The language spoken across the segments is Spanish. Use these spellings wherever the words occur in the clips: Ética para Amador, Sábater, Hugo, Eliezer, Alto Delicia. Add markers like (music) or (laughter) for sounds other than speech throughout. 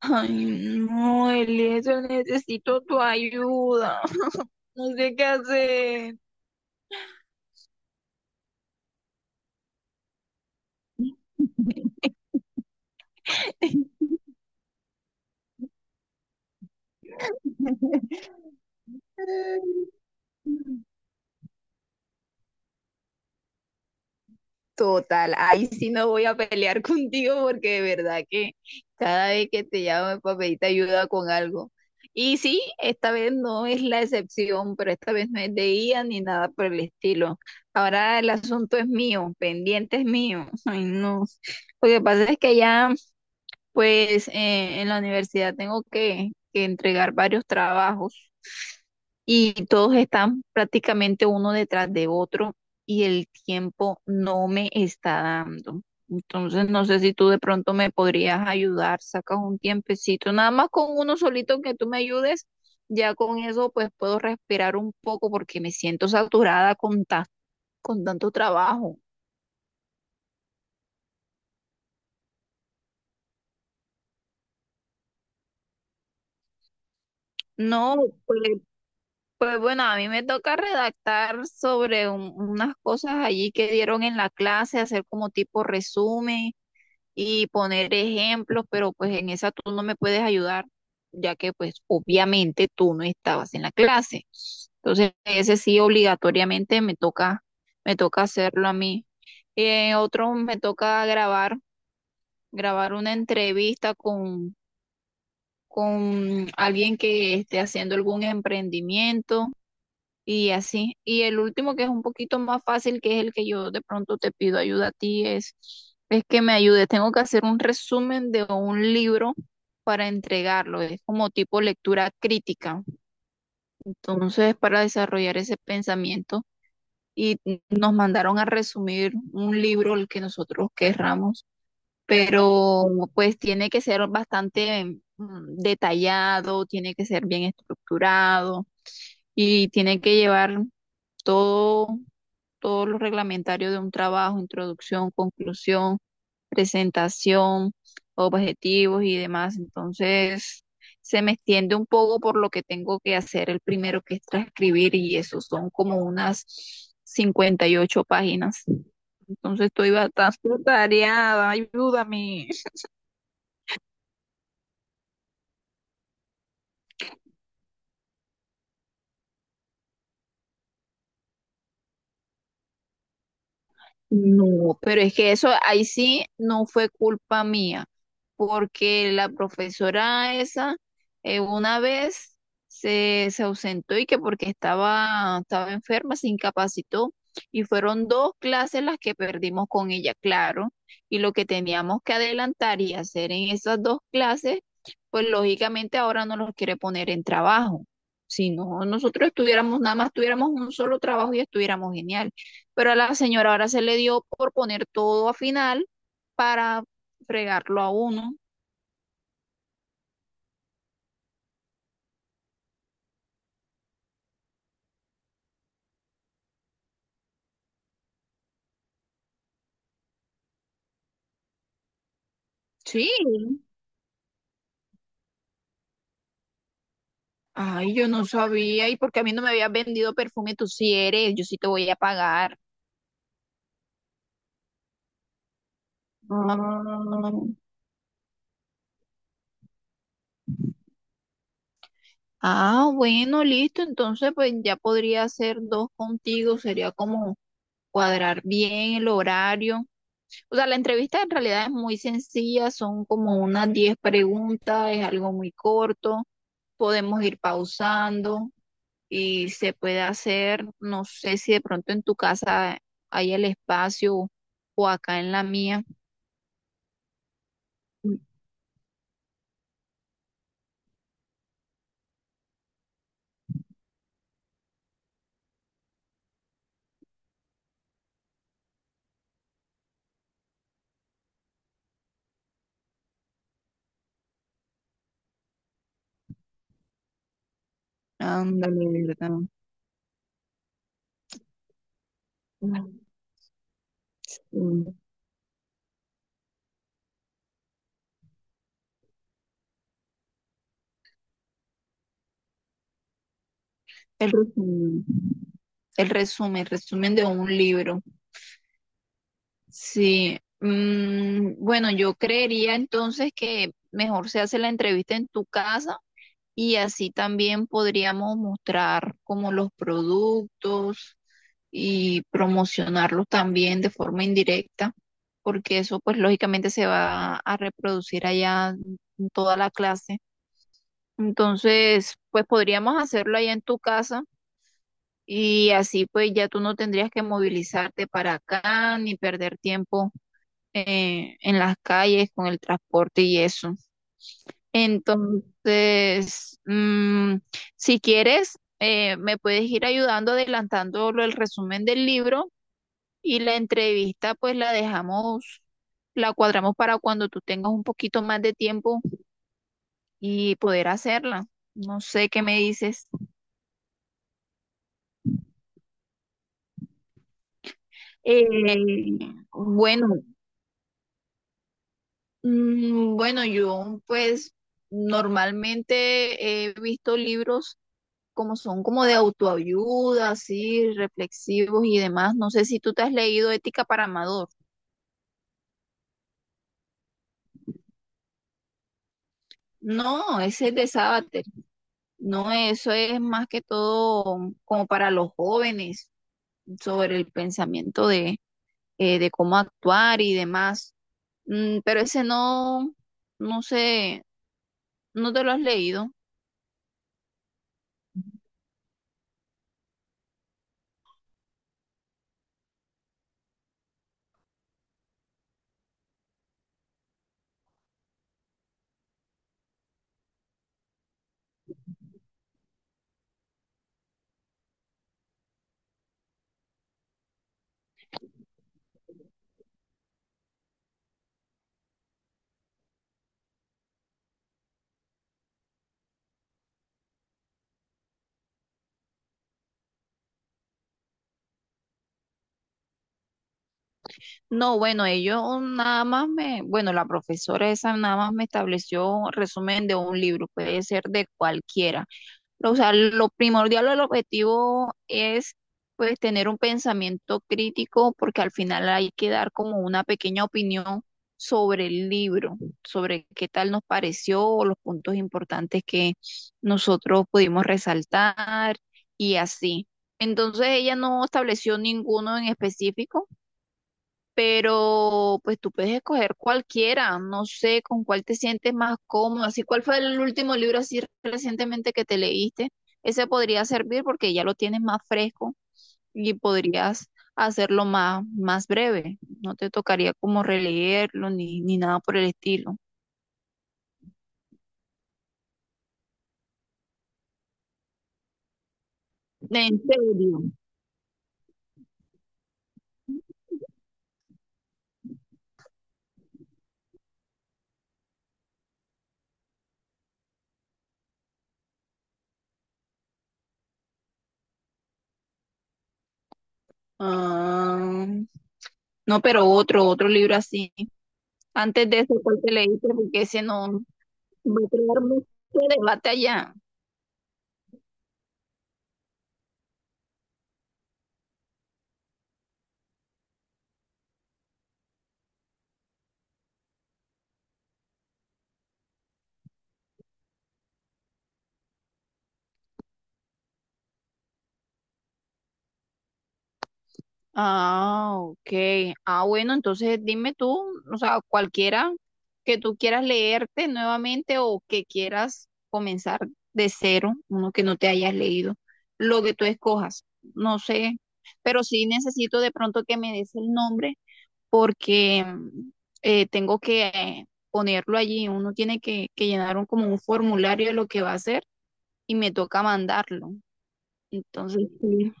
Ay, no, Eliezer, necesito tu ayuda. No sé qué hacer. (laughs) Total, ahí sí no voy a pelear (laughs) contigo porque de verdad que cada vez que te llamo es para pedirte ayuda con algo. Y sí, esta vez no es la excepción, pero esta vez no es de IA ni nada por el estilo. Ahora el asunto es mío, pendiente es mío. Ay, no. Lo que pasa es que ya. Pues en la universidad tengo que entregar varios trabajos y todos están prácticamente uno detrás de otro y el tiempo no me está dando. Entonces no sé si tú de pronto me podrías ayudar, sacas un tiempecito, nada más con uno solito que tú me ayudes, ya con eso pues puedo respirar un poco porque me siento saturada con tanto trabajo. No, pues Pues bueno, a mí me toca redactar sobre unas cosas allí que dieron en la clase, hacer como tipo resumen y poner ejemplos, pero pues en esa tú no me puedes ayudar, ya que pues obviamente tú no estabas en la clase. Entonces, ese sí obligatoriamente me toca hacerlo a mí. En otro me toca grabar una entrevista con alguien que esté haciendo algún emprendimiento y así. Y el último, que es un poquito más fácil, que es el que yo de pronto te pido ayuda a ti, es que me ayudes. Tengo que hacer un resumen de un libro para entregarlo. Es como tipo lectura crítica. Entonces, para desarrollar ese pensamiento. Y nos mandaron a resumir un libro, el que nosotros querramos, pero pues tiene que ser bastante detallado, tiene que ser bien estructurado y tiene que llevar todo todo lo reglamentario de un trabajo: introducción, conclusión, presentación, objetivos y demás. Entonces, se me extiende un poco por lo que tengo que hacer el primero, que es transcribir, y eso son como unas 58 páginas. Entonces, estoy bastante atareada, ayúdame. No, pero es que eso ahí sí no fue culpa mía, porque la profesora esa una vez se ausentó y, que porque estaba enferma, se incapacitó, y fueron dos clases las que perdimos con ella, claro, y lo que teníamos que adelantar y hacer en esas dos clases, pues lógicamente ahora no los quiere poner en trabajo. Si no, nosotros estuviéramos, nada más tuviéramos un solo trabajo, y estuviéramos genial, pero a la señora ahora se le dio por poner todo a final para fregarlo a uno. Sí. Ay, yo no sabía. ¿Y porque a mí no me habías vendido perfume? Tú sí eres, yo sí te voy a pagar. Ah, Ah, bueno, listo. Entonces, pues ya podría hacer dos contigo. Sería como cuadrar bien el horario. O sea, la entrevista en realidad es muy sencilla. Son como unas 10 preguntas. Es algo muy corto. Podemos ir pausando, y se puede hacer, no sé si de pronto en tu casa hay el espacio, o acá en la mía. Ándale, ¿verdad? Mm, El resumen. El resumen, de un libro. Sí, bueno, yo creería entonces que mejor se hace la entrevista en tu casa. Y así también podríamos mostrar como los productos y promocionarlos también de forma indirecta, porque eso pues lógicamente se va a reproducir allá en toda la clase. Entonces, pues podríamos hacerlo allá en tu casa, y así pues ya tú no tendrías que movilizarte para acá ni perder tiempo en las calles con el transporte y eso. Entonces, si quieres, me puedes ir ayudando, adelantando el resumen del libro, y la entrevista, pues la dejamos, la cuadramos para cuando tú tengas un poquito más de tiempo y poder hacerla. No sé qué me dices. Eh, bueno, bueno, yo pues normalmente he visto libros como son como de autoayuda, así, reflexivos y demás. No sé si tú te has leído Ética para Amador. No, ese es de Sábater. No, eso es más que todo como para los jóvenes, sobre el pensamiento de cómo actuar y demás. Pero ese no, no sé, no te lo has leído. No, bueno, ellos nada más bueno, la profesora esa nada más me estableció resumen de un libro, puede ser de cualquiera. O sea, lo primordial, o el objetivo, es pues tener un pensamiento crítico, porque al final hay que dar como una pequeña opinión sobre el libro, sobre qué tal nos pareció o los puntos importantes que nosotros pudimos resaltar y así. Entonces, ella no estableció ninguno en específico, pero pues tú puedes escoger cualquiera, no sé con cuál te sientes más cómodo, así cuál fue el último libro así recientemente que te leíste, ese podría servir porque ya lo tienes más fresco y podrías hacerlo más breve, no te tocaría como releerlo ni nada por el estilo. ¿En serio? Ah, no, pero otro libro así. Antes de ese, ¿cuál te leíste? Porque ese no, va a crear mucho debate allá. Ah, ok. Ah, bueno, entonces dime tú, o sea, cualquiera que tú quieras leerte nuevamente, o que quieras comenzar de cero, uno que no te hayas leído, lo que tú escojas, no sé, pero sí necesito de pronto que me des el nombre porque tengo que ponerlo allí, uno tiene que llenar como un formulario de lo que va a hacer, y me toca mandarlo. Entonces, sí.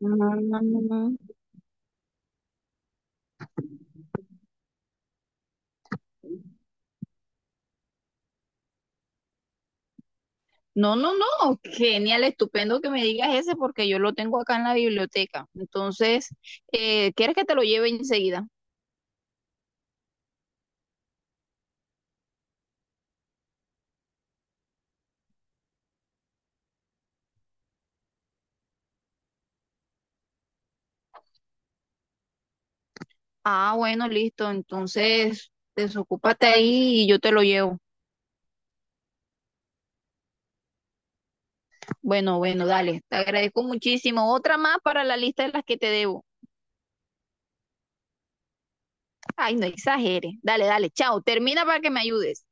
Mm, No, no, no, genial, estupendo que me digas ese, porque yo lo tengo acá en la biblioteca. Entonces, ¿quieres que te lo lleve enseguida? Ah, bueno, listo. Entonces, desocúpate ahí y yo te lo llevo. Bueno, bueno, dale. Te agradezco muchísimo. Otra más para la lista de las que te debo. Ay, no exageres. Dale, dale, chao. Termina para que me ayudes.